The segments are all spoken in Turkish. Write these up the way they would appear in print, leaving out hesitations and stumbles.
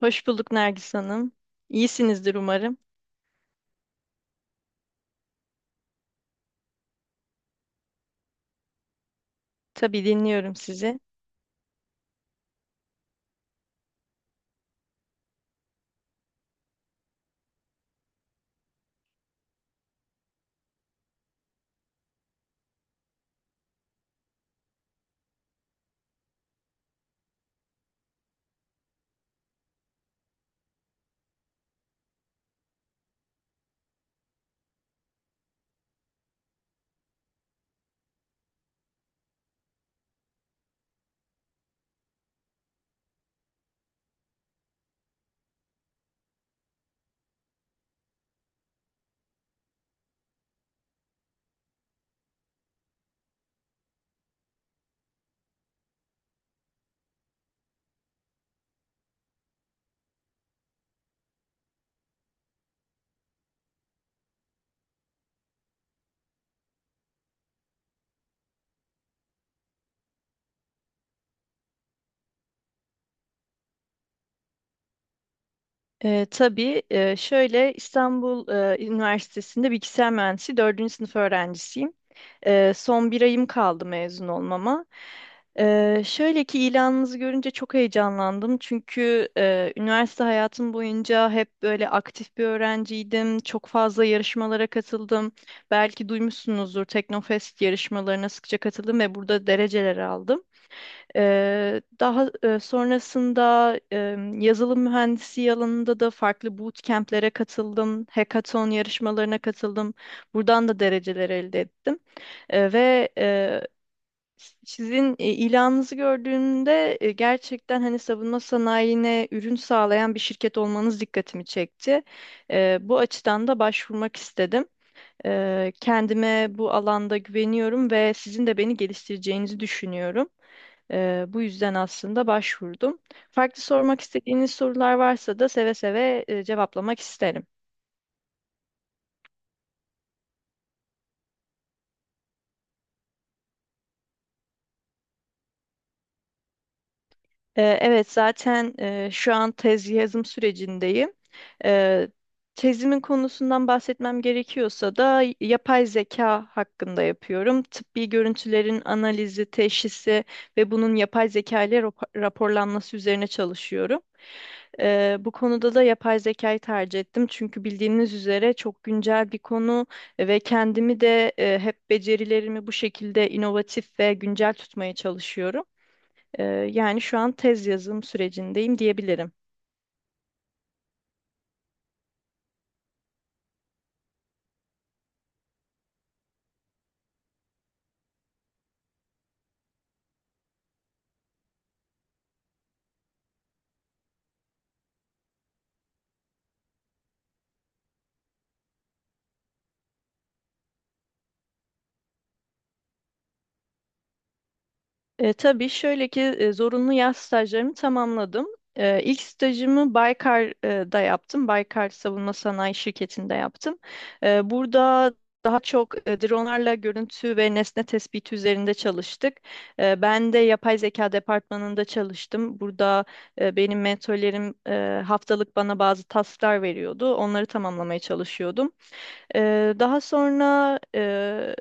Hoş bulduk Nergis Hanım. İyisinizdir umarım. Tabii dinliyorum sizi. Şöyle İstanbul Üniversitesi'nde bilgisayar mühendisi dördüncü sınıf öğrencisiyim. Son bir ayım kaldı mezun olmama. Şöyle ki ilanınızı görünce çok heyecanlandım. Çünkü üniversite hayatım boyunca hep böyle aktif bir öğrenciydim. Çok fazla yarışmalara katıldım. Belki duymuşsunuzdur, Teknofest yarışmalarına sıkça katıldım ve burada dereceler aldım. Daha sonrasında yazılım mühendisi alanında da farklı bootcamp'lere katıldım, hackathon yarışmalarına katıldım. Buradan da dereceler elde ettim. E, ve e, sizin ilanınızı gördüğümde gerçekten hani savunma sanayine ürün sağlayan bir şirket olmanız dikkatimi çekti. Bu açıdan da başvurmak istedim. Kendime bu alanda güveniyorum ve sizin de beni geliştireceğinizi düşünüyorum. Bu yüzden aslında başvurdum. Farklı sormak istediğiniz sorular varsa da seve seve cevaplamak isterim. Evet, zaten şu an tez yazım sürecindeyim. Ee, Tezimin konusundan bahsetmem gerekiyorsa da yapay zeka hakkında yapıyorum. Tıbbi görüntülerin analizi, teşhisi ve bunun yapay zeka ile raporlanması üzerine çalışıyorum. Bu konuda da yapay zekayı tercih ettim. Çünkü bildiğiniz üzere çok güncel bir konu ve kendimi de hep becerilerimi bu şekilde inovatif ve güncel tutmaya çalışıyorum. Eee, Yani şu an tez yazım sürecindeyim diyebilirim. Tabii şöyle ki zorunlu yaz stajlarımı tamamladım. İlk stajımı Baykar'da yaptım. Baykar Savunma Sanayi Şirketi'nde yaptım. Burada daha çok dronlarla görüntü ve nesne tespiti üzerinde çalıştık. Ben de yapay zeka departmanında çalıştım. Burada benim mentorlerim haftalık bana bazı tasklar veriyordu. Onları tamamlamaya çalışıyordum. Daha sonra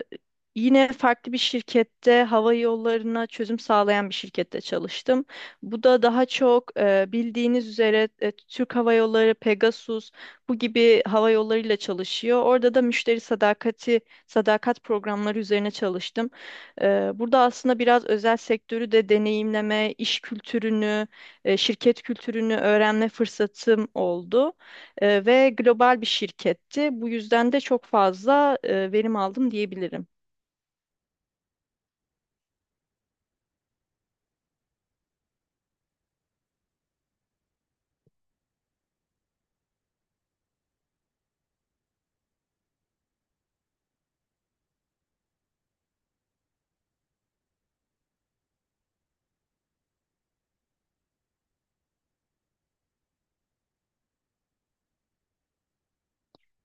yine farklı bir şirkette, hava yollarına çözüm sağlayan bir şirkette çalıştım. Bu da daha çok, bildiğiniz üzere, Türk Hava Yolları, Pegasus bu gibi hava yollarıyla çalışıyor. Orada da sadakat programları üzerine çalıştım. Burada aslında biraz özel sektörü de deneyimleme, iş kültürünü, şirket kültürünü öğrenme fırsatım oldu. Ve global bir şirketti. Bu yüzden de çok fazla verim aldım diyebilirim.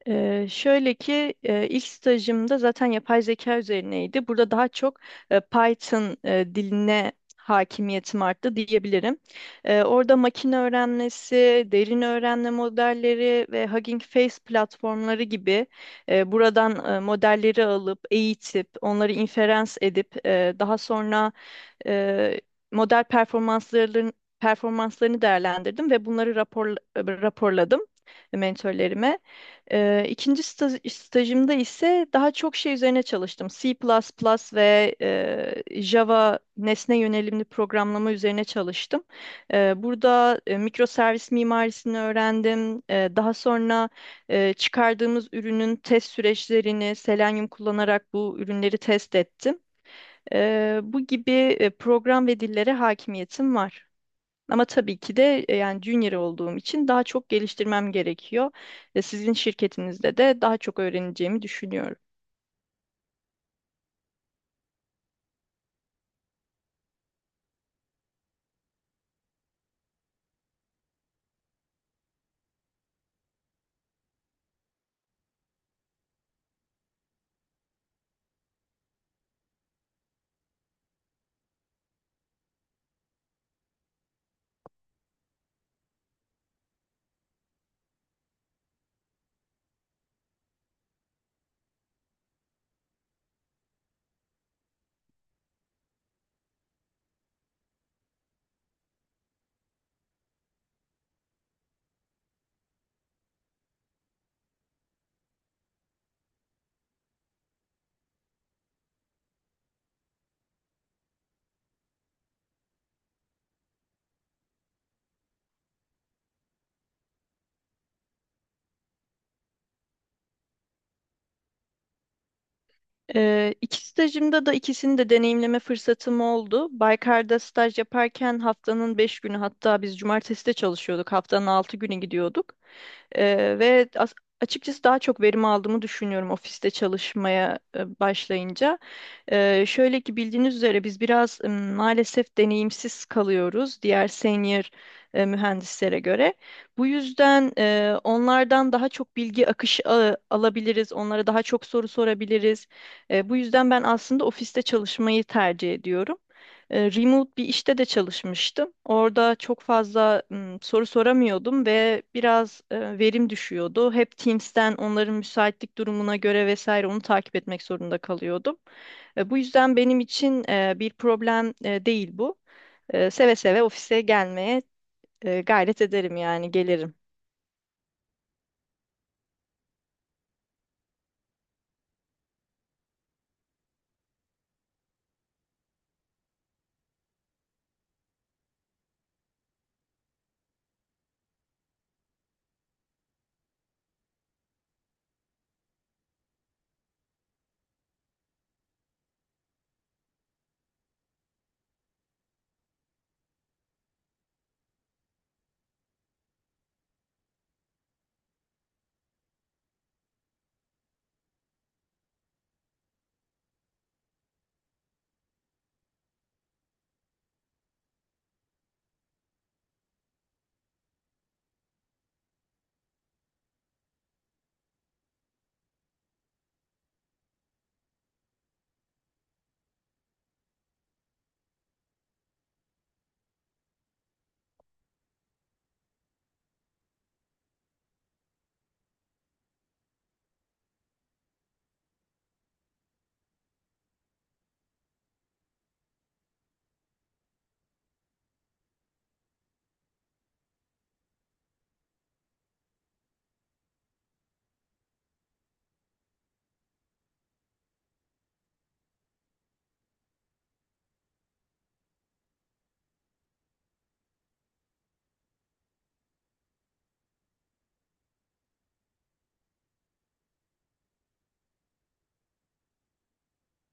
Şöyle ki ilk stajımda zaten yapay zeka üzerineydi. Burada daha çok Python diline hakimiyetim arttı diyebilirim. Orada makine öğrenmesi, derin öğrenme modelleri ve Hugging Face platformları gibi, buradan modelleri alıp eğitip onları inferans edip daha sonra e, model performansların performanslarını değerlendirdim ve bunları raporladım mentorlarıme. E, ikinci staj, stajımda ise daha çok şey üzerine çalıştım. C++ ve Java nesne yönelimli programlama üzerine çalıştım. Burada mikroservis mimarisini öğrendim. Daha sonra çıkardığımız ürünün test süreçlerini Selenium kullanarak bu ürünleri test ettim. Bu gibi program ve dillere hakimiyetim var. Ama tabii ki de, yani junior olduğum için daha çok geliştirmem gerekiyor. Ve sizin şirketinizde de daha çok öğreneceğimi düşünüyorum. İki stajımda da ikisini de deneyimleme fırsatım oldu. Baykar'da staj yaparken haftanın 5 günü, hatta biz cumartesi de çalışıyorduk, haftanın 6 günü gidiyorduk. Eee, ve as- Açıkçası daha çok verim aldığımı düşünüyorum ofiste çalışmaya başlayınca. Şöyle ki bildiğiniz üzere biz biraz maalesef deneyimsiz kalıyoruz diğer senior mühendislere göre. Bu yüzden onlardan daha çok bilgi akışı alabiliriz, onlara daha çok soru sorabiliriz. Bu yüzden ben aslında ofiste çalışmayı tercih ediyorum. Remote bir işte de çalışmıştım. Orada çok fazla soru soramıyordum ve biraz verim düşüyordu. Hep Teams'ten onların müsaitlik durumuna göre vesaire onu takip etmek zorunda kalıyordum. Bu yüzden benim için bir problem değil bu. Seve seve ofise gelmeye, gayret ederim, yani gelirim.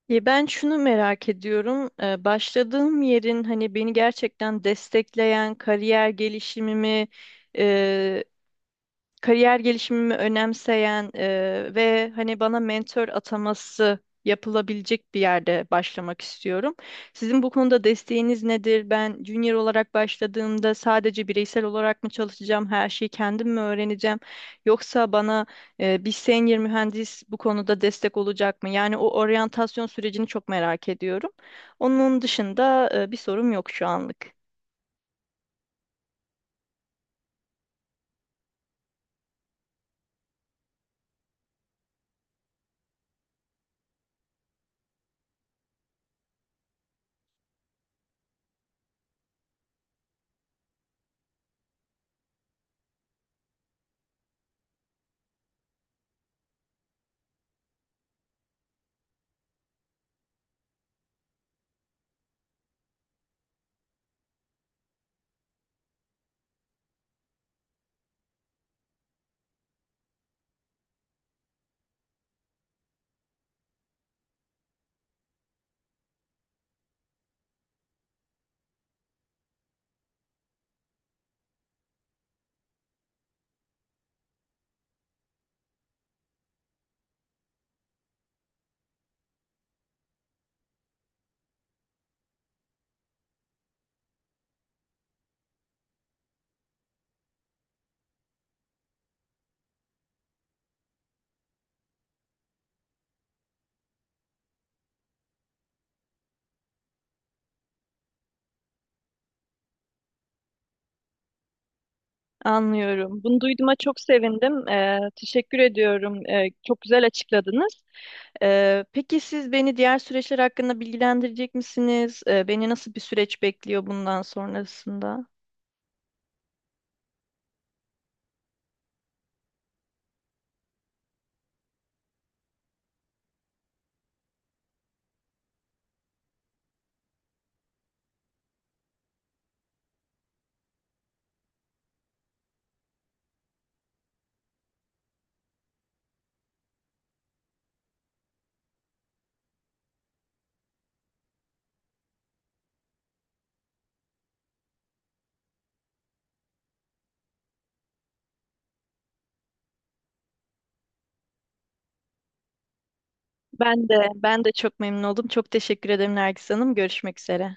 Ya ben şunu merak ediyorum. Başladığım yerin hani beni gerçekten destekleyen, kariyer gelişimimi önemseyen, ve hani bana mentor ataması yapılabilecek bir yerde başlamak istiyorum. Sizin bu konuda desteğiniz nedir? Ben junior olarak başladığımda sadece bireysel olarak mı çalışacağım, her şeyi kendim mi öğreneceğim? Yoksa bana bir senior mühendis bu konuda destek olacak mı? Yani o oryantasyon sürecini çok merak ediyorum. Onun dışında bir sorum yok şu anlık. Anlıyorum. Bunu duyduğuma çok sevindim. Teşekkür ediyorum. Çok güzel açıkladınız. Peki siz beni diğer süreçler hakkında bilgilendirecek misiniz? Beni nasıl bir süreç bekliyor bundan sonrasında? Ben de ben de çok memnun oldum. Çok teşekkür ederim Nergis Hanım. Görüşmek üzere.